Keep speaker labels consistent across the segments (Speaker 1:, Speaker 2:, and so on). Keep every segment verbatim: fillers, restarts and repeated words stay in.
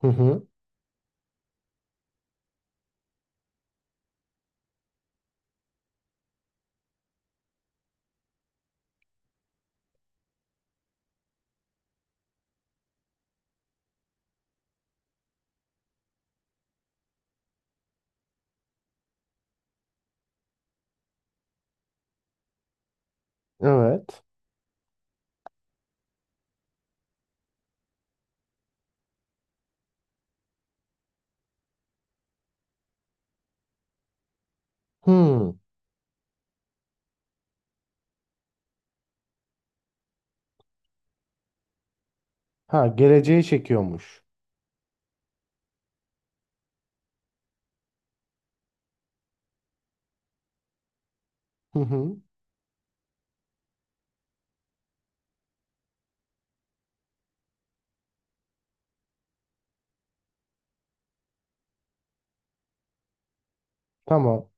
Speaker 1: Hı hı. Evet. Hı. Ha geleceğe çekiyormuş. Hı hı. Tamam.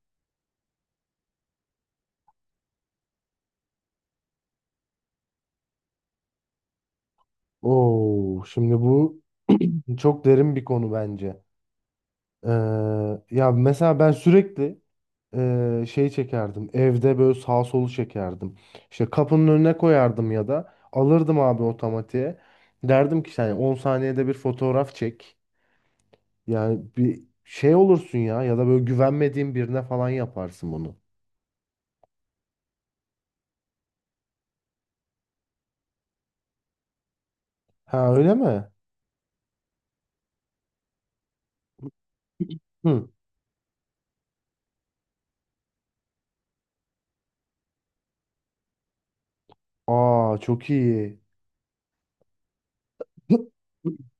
Speaker 1: Oo, şimdi bu çok derin bir konu bence. Ee, Ya mesela ben sürekli e, şey çekerdim. Evde böyle sağ solu çekerdim. İşte kapının önüne koyardım ya da alırdım abi otomatiğe. Derdim ki yani on saniyede bir fotoğraf çek. Yani bir şey olursun ya ya da böyle güvenmediğin birine falan yaparsın bunu. Ha öyle mi? Hı. Aa çok iyi.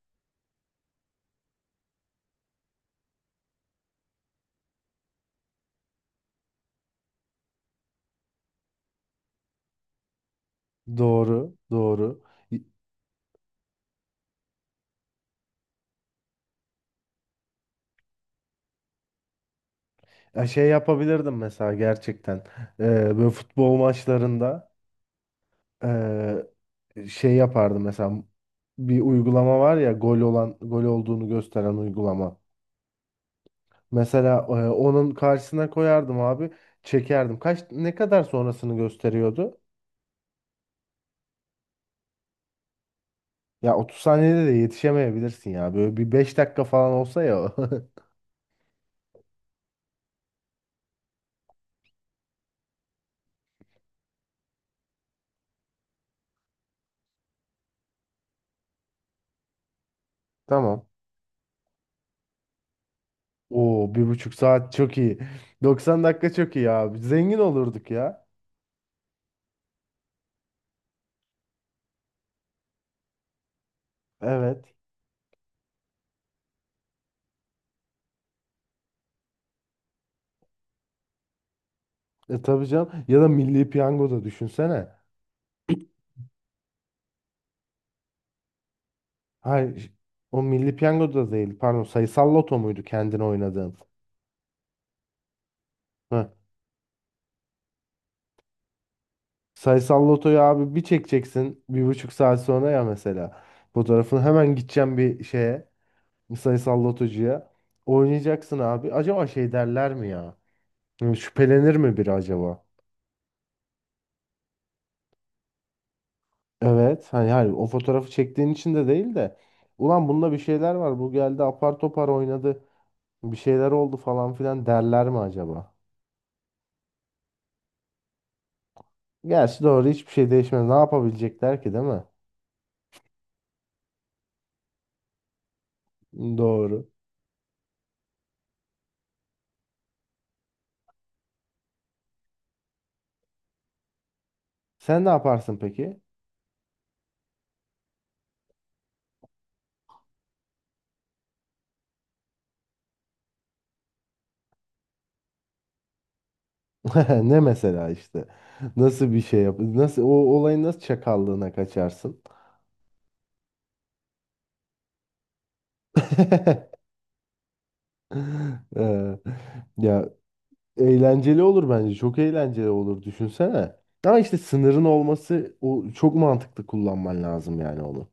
Speaker 1: Doğru, doğru. Ya şey yapabilirdim mesela gerçekten. Ee, Böyle futbol maçlarında ee, şey yapardım mesela bir uygulama var ya gol olan gol olduğunu gösteren uygulama. Mesela ee, onun karşısına koyardım abi, çekerdim. Kaç ne kadar sonrasını gösteriyordu? Ya otuz saniyede de yetişemeyebilirsin ya. Böyle bir beş dakika falan olsa ya. Tamam. Oo bir buçuk saat çok iyi. Doksan dakika çok iyi abi. Zengin olurduk ya. Evet. E tabii canım. Ya da Milli Piyango'da düşünsene. Hayır. O Milli Piyango'da değil. Pardon. Sayısal Loto muydu kendini oynadığın? Heh. Sayısal Loto'yu abi bir çekeceksin. Bir buçuk saat sonra ya mesela. Fotoğrafını hemen gideceğim bir şeye, bir Sayısal Lotocuya. Oynayacaksın abi. Acaba şey derler mi ya? Yani şüphelenir mi biri acaba? Evet. Hani, hani o fotoğrafı çektiğin için de değil de. Ulan bunda bir şeyler var. Bu geldi apar topar oynadı. Bir şeyler oldu falan filan derler mi acaba? Gerçi doğru hiçbir şey değişmez. Ne yapabilecekler ki değil mi? Doğru. Sen ne yaparsın peki? Ne mesela işte? Nasıl bir şey yap? Nasıl o olayın nasıl çakallığına kaçarsın? Ee, ya eğlenceli olur bence. Çok eğlenceli olur düşünsene. Ama işte sınırın olması o çok mantıklı kullanman lazım yani onu.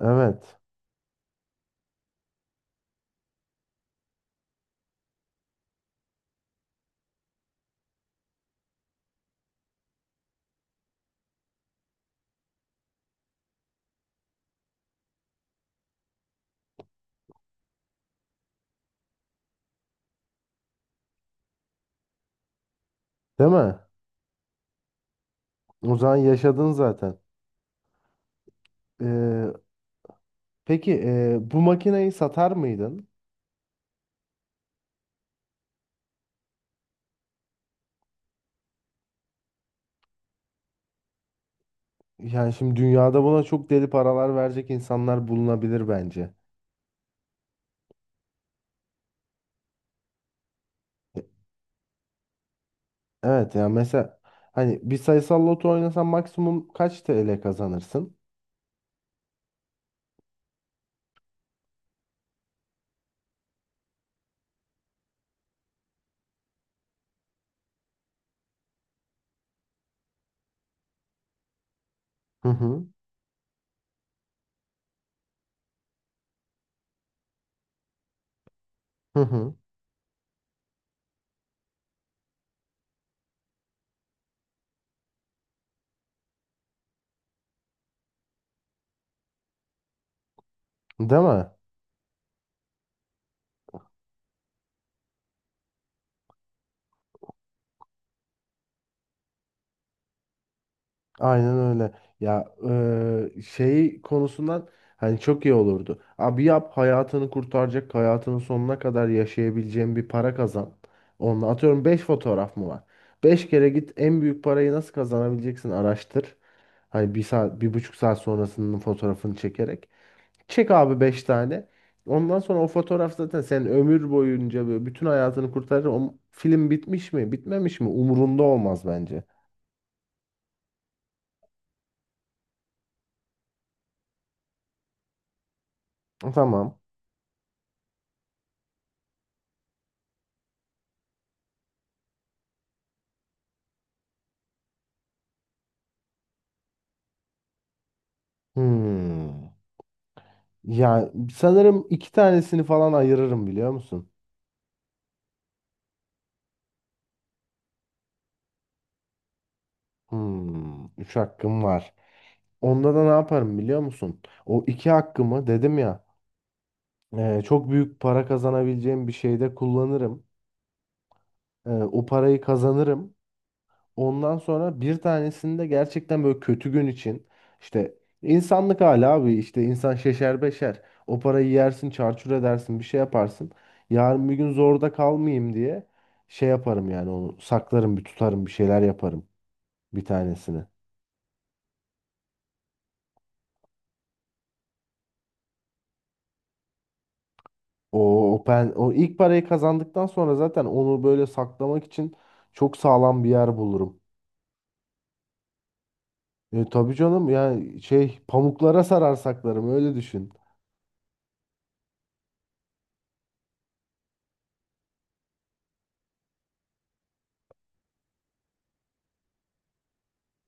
Speaker 1: Evet. Değil mi? O zaman yaşadın zaten. Ee, Peki e, bu makineyi satar mıydın? Yani şimdi dünyada buna çok deli paralar verecek insanlar bulunabilir bence. E, Evet yani mesela hani bir sayısal loto oynasan maksimum kaç T L kazanırsın? Hı hı. Hı hı. Değil mi? Aynen öyle. Ya eee, şey konusundan hani çok iyi olurdu. Abi yap hayatını kurtaracak, hayatının sonuna kadar yaşayabileceğin bir para kazan. Onunla atıyorum beş fotoğraf mı var? Beş kere git en büyük parayı nasıl kazanabileceksin araştır. Hani bir saat, bir buçuk saat sonrasının fotoğrafını çekerek. Çek abi beş tane. Ondan sonra o fotoğraf zaten senin ömür boyunca böyle bütün hayatını kurtarır. O film bitmiş mi, bitmemiş mi? Umurunda olmaz bence. Tamam. Hmm. Ya sanırım iki tanesini falan ayırırım biliyor musun? Hmm, üç hakkım var. Onda da ne yaparım biliyor musun? O iki hakkımı dedim ya, e, çok büyük para kazanabileceğim bir şeyde kullanırım. E, o parayı kazanırım. Ondan sonra bir tanesini de gerçekten böyle kötü gün için, işte insanlık hali abi, işte insan şeşer beşer. O parayı yersin çarçur edersin bir şey yaparsın. Yarın bir gün zorda kalmayayım diye şey yaparım yani, onu saklarım bir tutarım bir şeyler yaparım, bir tanesini. O, o, pen, o ilk parayı kazandıktan sonra zaten onu böyle saklamak için çok sağlam bir yer bulurum. E, tabii canım yani şey pamuklara sarar saklarım, öyle düşün.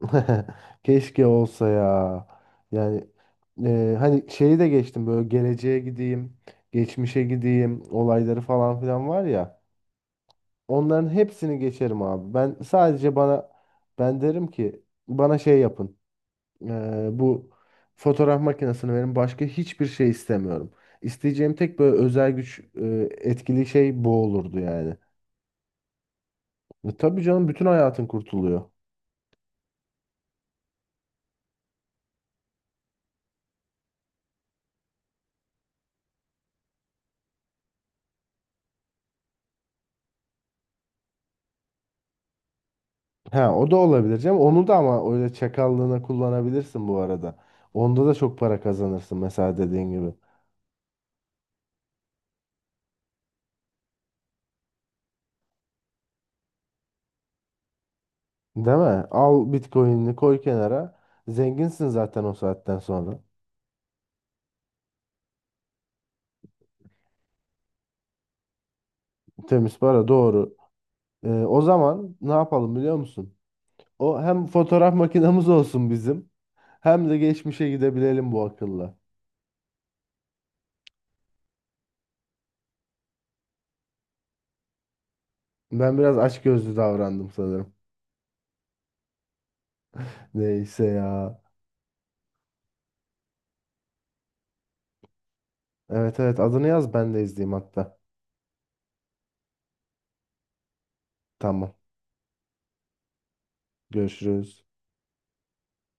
Speaker 1: Keşke olsa ya. Yani e, hani şeyi de geçtim, böyle geleceğe gideyim, geçmişe gideyim olayları falan filan var ya. Onların hepsini geçerim abi. Ben sadece bana, ben derim ki bana şey yapın. Eee, bu fotoğraf makinesini verin, başka hiçbir şey istemiyorum. İsteyeceğim tek böyle özel güç, eee, etkili şey bu olurdu yani. Ve tabii canım bütün hayatın kurtuluyor. Ha o da olabilir canım. Onu da ama öyle çakallığına kullanabilirsin bu arada. Onda da çok para kazanırsın mesela dediğin gibi. Değil mi? Al Bitcoin'ini koy kenara. Zenginsin zaten o saatten sonra. Temiz para, doğru. Eee, o zaman ne yapalım biliyor musun? O hem fotoğraf makinamız olsun bizim, hem de geçmişe gidebilelim bu akılla. Ben biraz açgözlü davrandım sanırım. Neyse ya. Evet evet, adını yaz ben de izleyeyim hatta. Tamam. Görüşürüz.